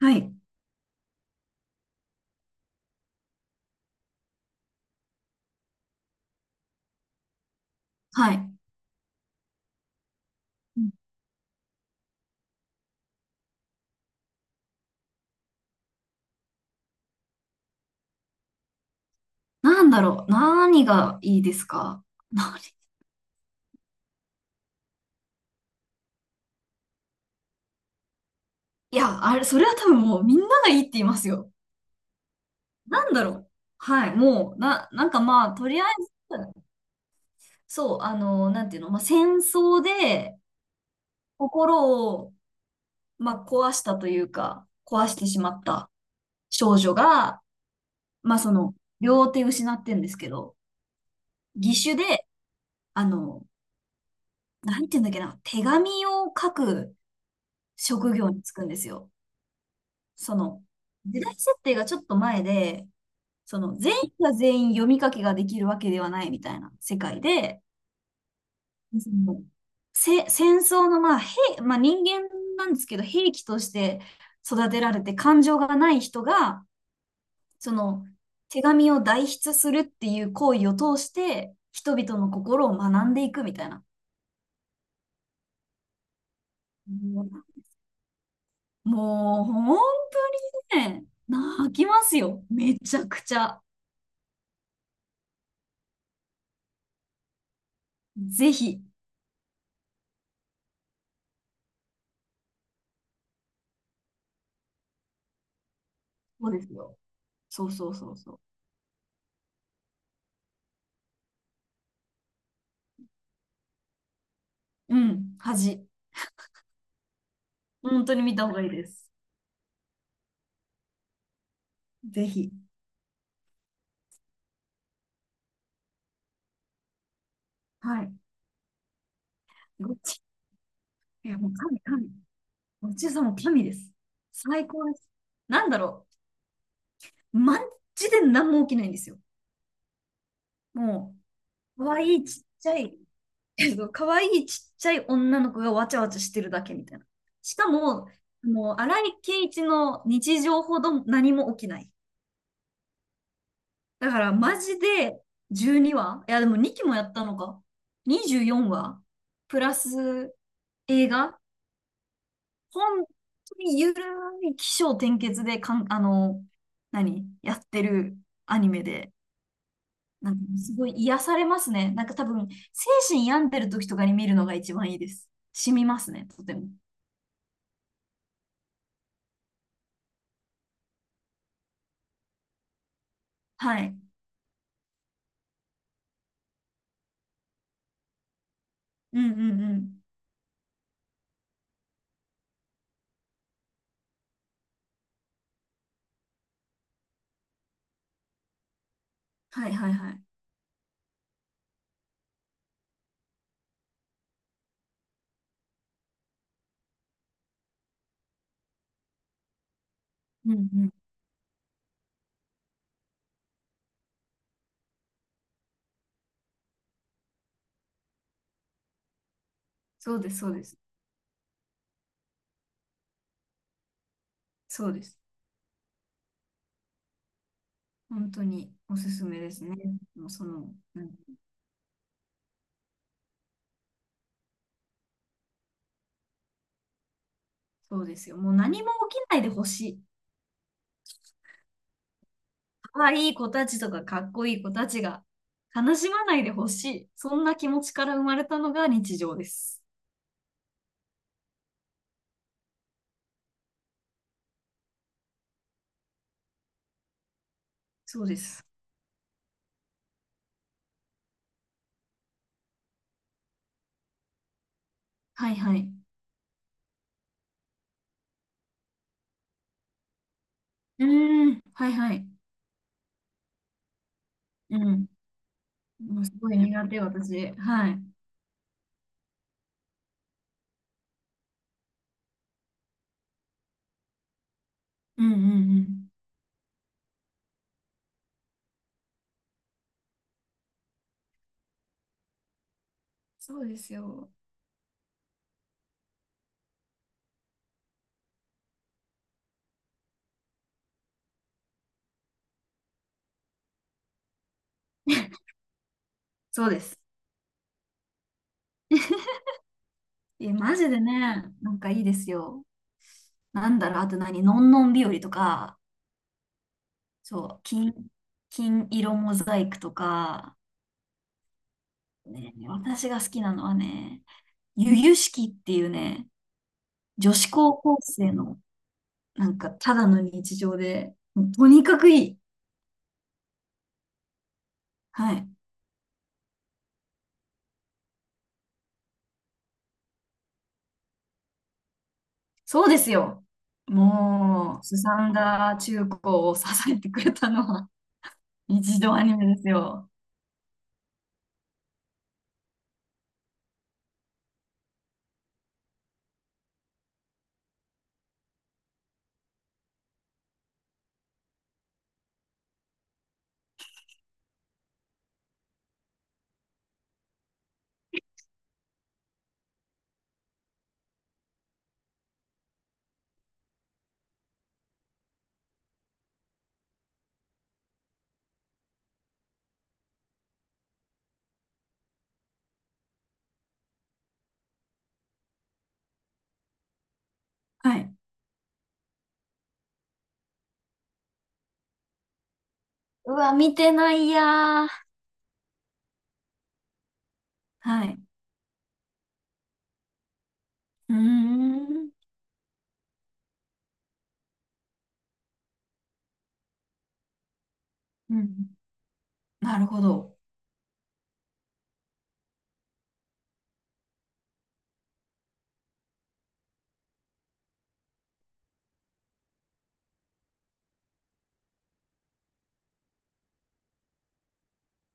はい。はい。うん。なんだろう。何がいいですか？何？いや、あれ、それは多分もうみんながいいって言いますよ。なんだろう。はい。もう、なんかまあ、とりあえず、そう、なんていうの、まあ、戦争で心を、まあ、壊したというか、壊してしまった少女が、まあ、その、両手失ってんですけど、義手で、あの、なんていうんだっけな、手紙を書く職業に就くんですよ。その、時代設定がちょっと前で、その、全員が全員読み書きができるわけではないみたいな世界で、その、戦争の、まあ、まあ人間なんですけど、兵器として育てられて感情がない人が、その、手紙を代筆するっていう行為を通して、人々の心を学んでいくみたいな。ももう本当にね、泣きますよ。めちゃくちゃ。ぜひ。そうですよ。そうそうそうそう。うん、恥。本当に見た方がいいです。ぜひ。はい。ごち、いや、もう神、神。ごちそうさんも神です。最高です。なんだろう。マジで何も起きないんですよ。もう、可愛いちっちゃい、可愛いちっちゃい女の子がわちゃわちゃしてるだけみたいな。しかも、もう、荒井圭一の日常ほど何も起きない。だから、マジで12話、いや、でも2期もやったのか。24話プラス映画、本当にゆるい起承転結で何やってるアニメで、なんかすごい癒されますね。なんか多分、精神病んでる時とかに見るのが一番いいです。染みますね、とても。はい。うんうんうん。はいはいはい。うんうん。そうです、そうです。そうです。本当におすすめですね。もうその、うん、そうですよ。もう何も起きないでほしい。可愛い子たちとかかっこいい子たちが悲しまないでほしい。そんな気持ちから生まれたのが日常です。そうです。はいはい。うーん。はいはい。うん。もうすごい苦手、私。はい。うんうんうん。そうですよ。そうです。いや、マジでね、なんかいいですよ。なんだろう、あと何、のんのん日和とか、そう、金色モザイクとか、ね、私が好きなのはね、ゆゆしきっていうね、女子高校生の、なんか、ただの日常で、とにかくいい。はい。そうですよ。もう、すさんだ中高を支えてくれたのは、日常アニメですよ。はい。うわ、見てないやー。はい。うーん。うん。なるほど。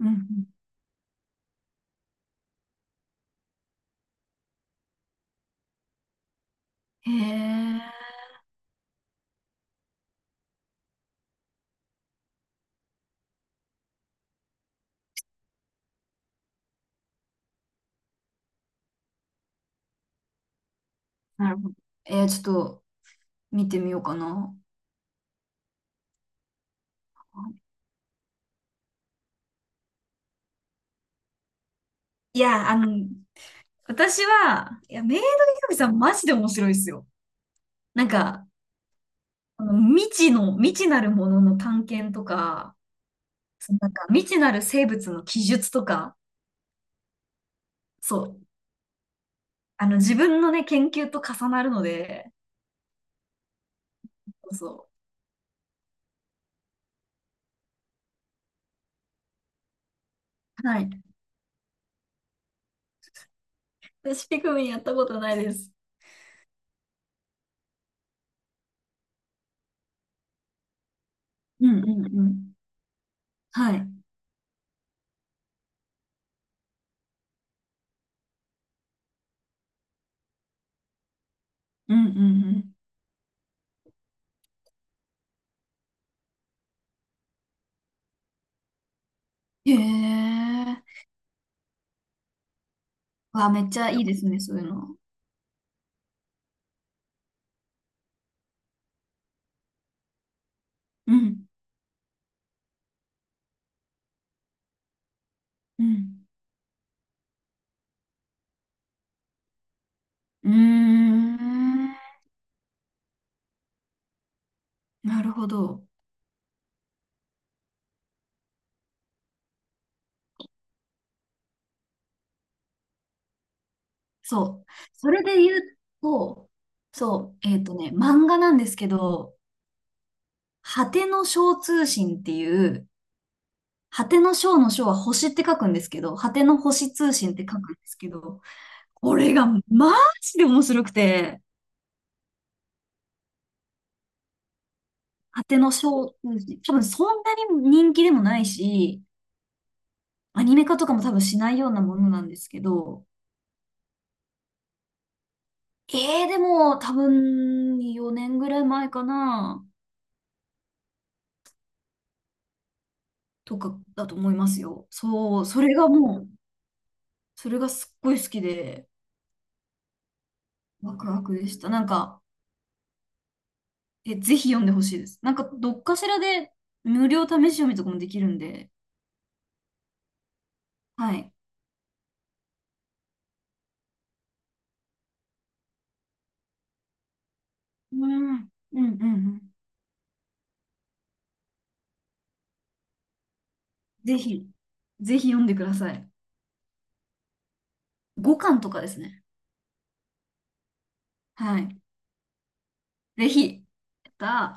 うん。うん。へえ。なるほど。ちょっと、見てみようかな。いや、私は、いや、メイドヒカゲさんマジで面白いですよ。なんか、あの未知の、未知なるものの探検とか、そのなんか未知なる生物の記述とか、そう、あの自分のね、研究と重なるので、そうそう。はい。私、ピクミンやったことないです。うんうんうん。はい。うんうんうん。へえ。わあ、めっちゃいいですね、そういうの。うん。うん。うーん。なるほど。そう。それで言うと、そう、漫画なんですけど、果ての章通信っていう、果ての章の章は星って書くんですけど、果ての星通信って書くんですけど、これがマジで面白くて、果ての章通信、多分そんなに人気でもないし、アニメ化とかも多分しないようなものなんですけど、でも多分4年ぐらい前かな、とかだと思いますよ。そう、それがもう、それがすっごい好きで、ワクワクでした。なんか、え、ぜひ読んでほしいです。なんか、どっかしらで無料試し読みとかもできるんで、はい。うん、うん、うん、うん。ぜひ、ぜひ読んでください。5巻とかですね。はい。ぜひ、やったー